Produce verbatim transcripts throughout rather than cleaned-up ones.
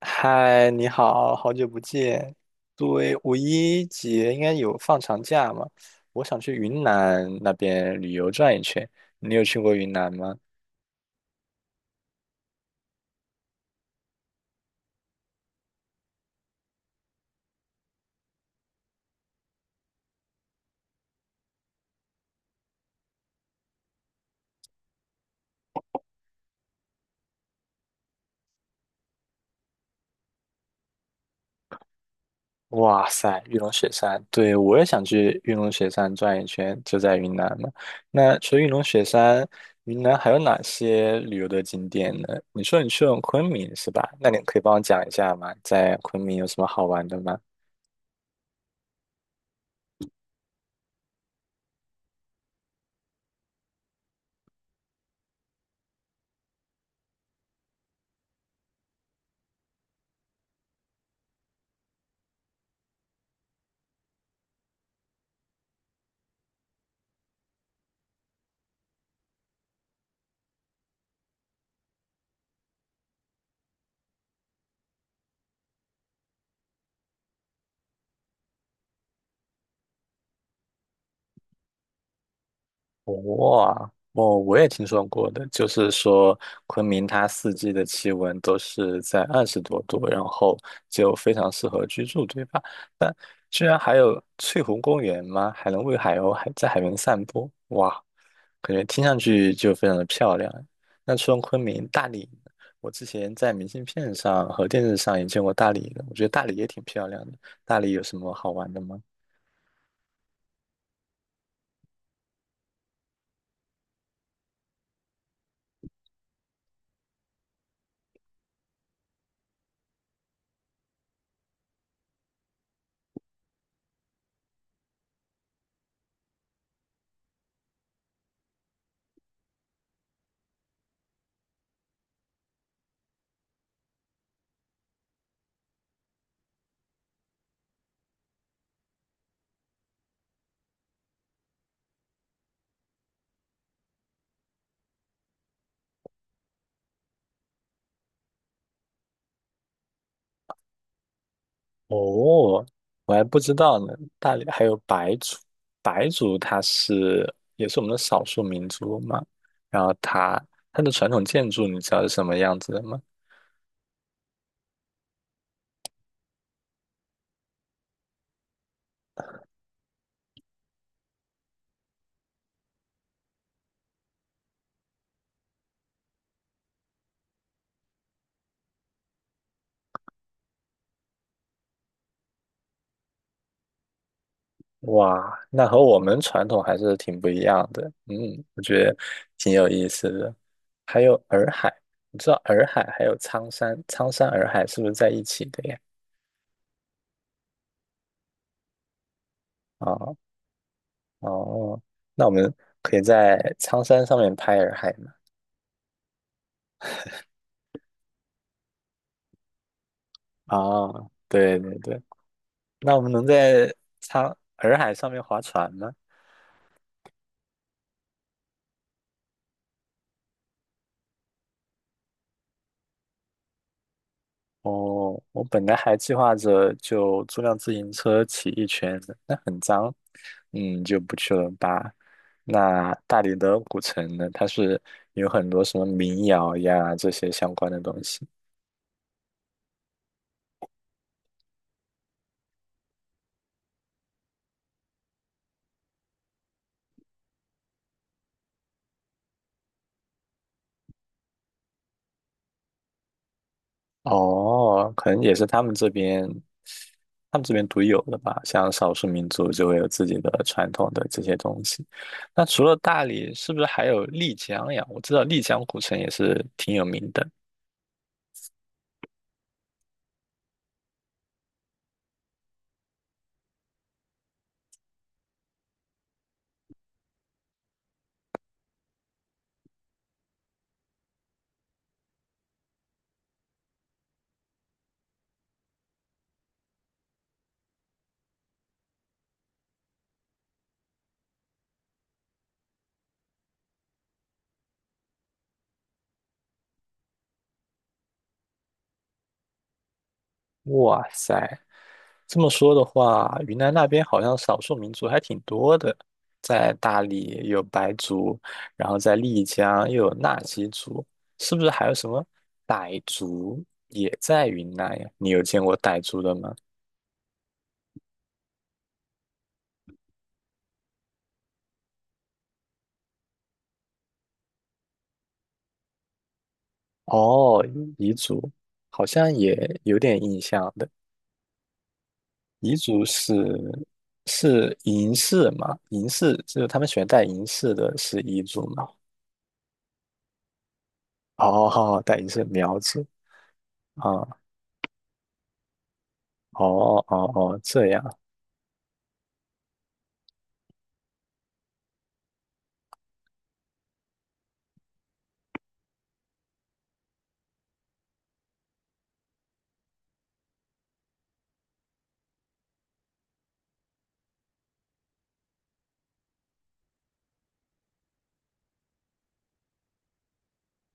嗨，你好，好久不见。对，五一节应该有放长假嘛？我想去云南那边旅游转一圈。你有去过云南吗？哇塞，玉龙雪山，对，我也想去玉龙雪山转一圈，就在云南嘛。那除了玉龙雪山，云南还有哪些旅游的景点呢？你说你去了昆明是吧？那你可以帮我讲一下吗？在昆明有什么好玩的吗？哇，哦，我也听说过的，就是说昆明它四季的气温都是在二十多度，然后就非常适合居住，对吧？但居然还有翠湖公园吗？还能喂海鸥，还在海边散步，哇，感觉听上去就非常的漂亮。那除了昆明，大理，我之前在明信片上和电视上也见过大理的，我觉得大理也挺漂亮的。大理有什么好玩的吗？哦，我还不知道呢。大理还有白族，白族它是也是我们的少数民族嘛。然后它它的传统建筑，你知道是什么样子的吗？哇，那和我们传统还是挺不一样的。嗯，我觉得挺有意思的。还有洱海，你知道洱海还有苍山，苍山洱海是不是在一起的呀？啊哦，那我们可以在苍山上面拍洱海吗？啊，对对对。那我们能在苍洱海上面划船吗？哦，我本来还计划着就租辆自行车骑一圈的，那很脏，嗯，就不去了吧。那大理的古城呢，它是有很多什么民谣呀这些相关的东西。哦，可能也是他们这边，他们这边独有的吧。像少数民族就会有自己的传统的这些东西。那除了大理，是不是还有丽江呀？我知道丽江古城也是挺有名的。哇塞，这么说的话，云南那边好像少数民族还挺多的。在大理有白族，然后在丽江又有纳西族，是不是还有什么傣族也在云南呀？你有见过傣族的吗？哦，彝族好像也有点印象的。彝族是是银饰嘛？银饰就是他们喜欢戴银饰的，是彝族嘛？哦，戴银饰苗族啊，哦哦哦，这样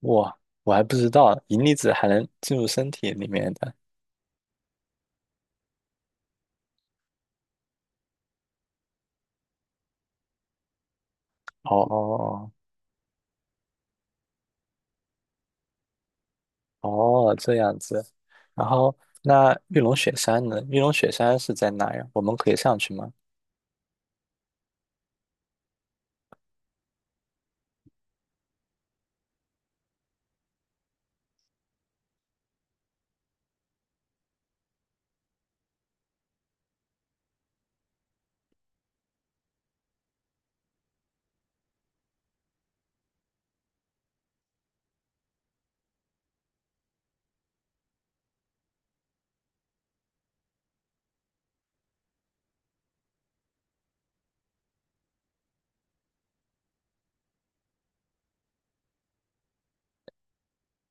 哇，我还不知道银离子还能进入身体里面的。哦哦哦，这样子。然后那玉龙雪山呢？玉龙雪山是在哪呀？我们可以上去吗？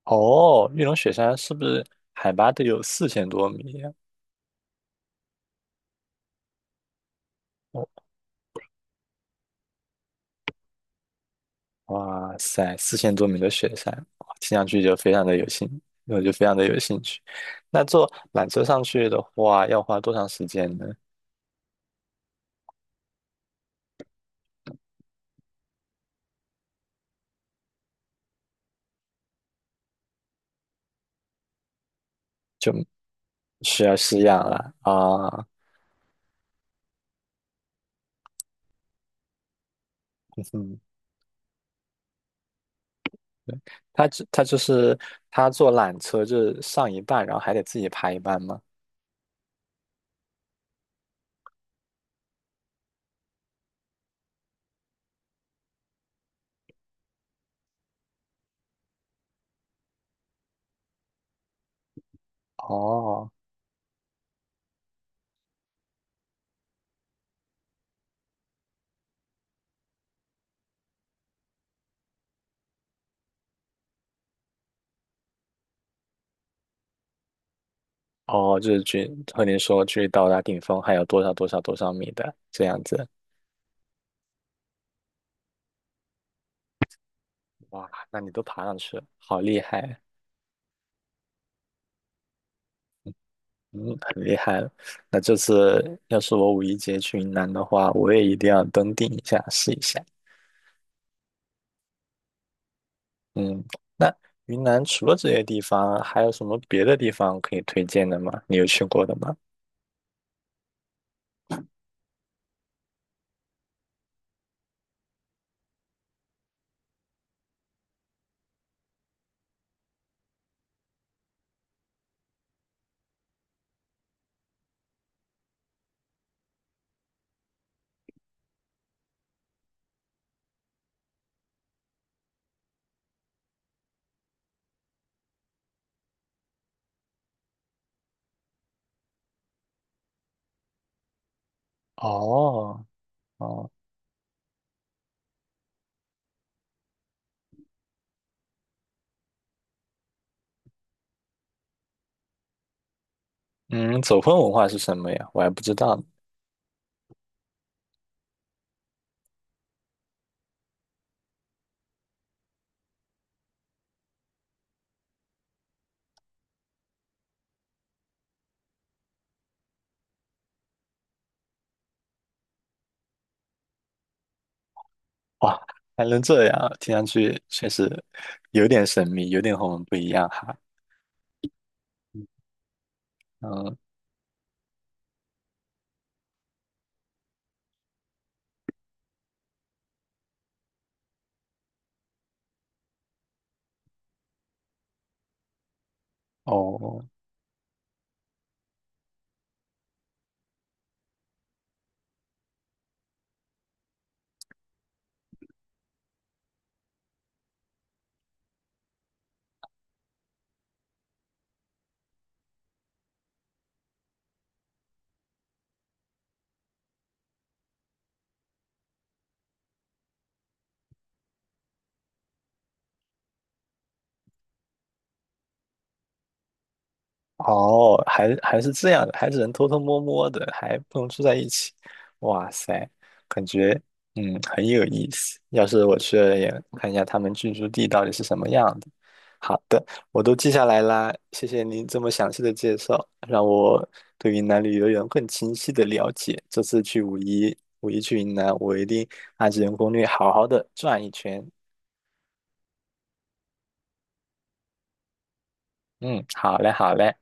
哦，玉龙雪山是不是海拔得有四千多米呀？哦，哇塞，四千多米的雪山，哇听上去就非常的有兴，我就非常的有兴趣。那坐缆车上去的话，要花多长时间呢？需要试样了啊，嗯哼，对，他只他就是他坐缆车就是上一半，然后还得自己爬一半吗？哦哦，就是距和您说距到达顶峰还有多少多少多少米的这样子。哇，那你都爬上去了，好厉害，嗯，很厉害了。那这次要是我五一节去云南的话，我也一定要登顶一下，试一下。嗯，那云南除了这些地方，还有什么别的地方可以推荐的吗？你有去过的吗？哦，哦，嗯，走婚文化是什么呀？我还不知道呢。哇，还能这样啊，听上去确实有点神秘，有点和我们不一样哈。嗯，哦，哦，还还是这样的，还只能偷偷摸摸的，还不能住在一起。哇塞，感觉嗯很有意思。要是我去了也看一下他们居住地到底是什么样的。好的，我都记下来啦，谢谢您这么详细的介绍，让我对云南旅游有更清晰的了解。这次去五一，五一去云南，我一定按照人攻略好好的转一圈。嗯，好嘞，好嘞。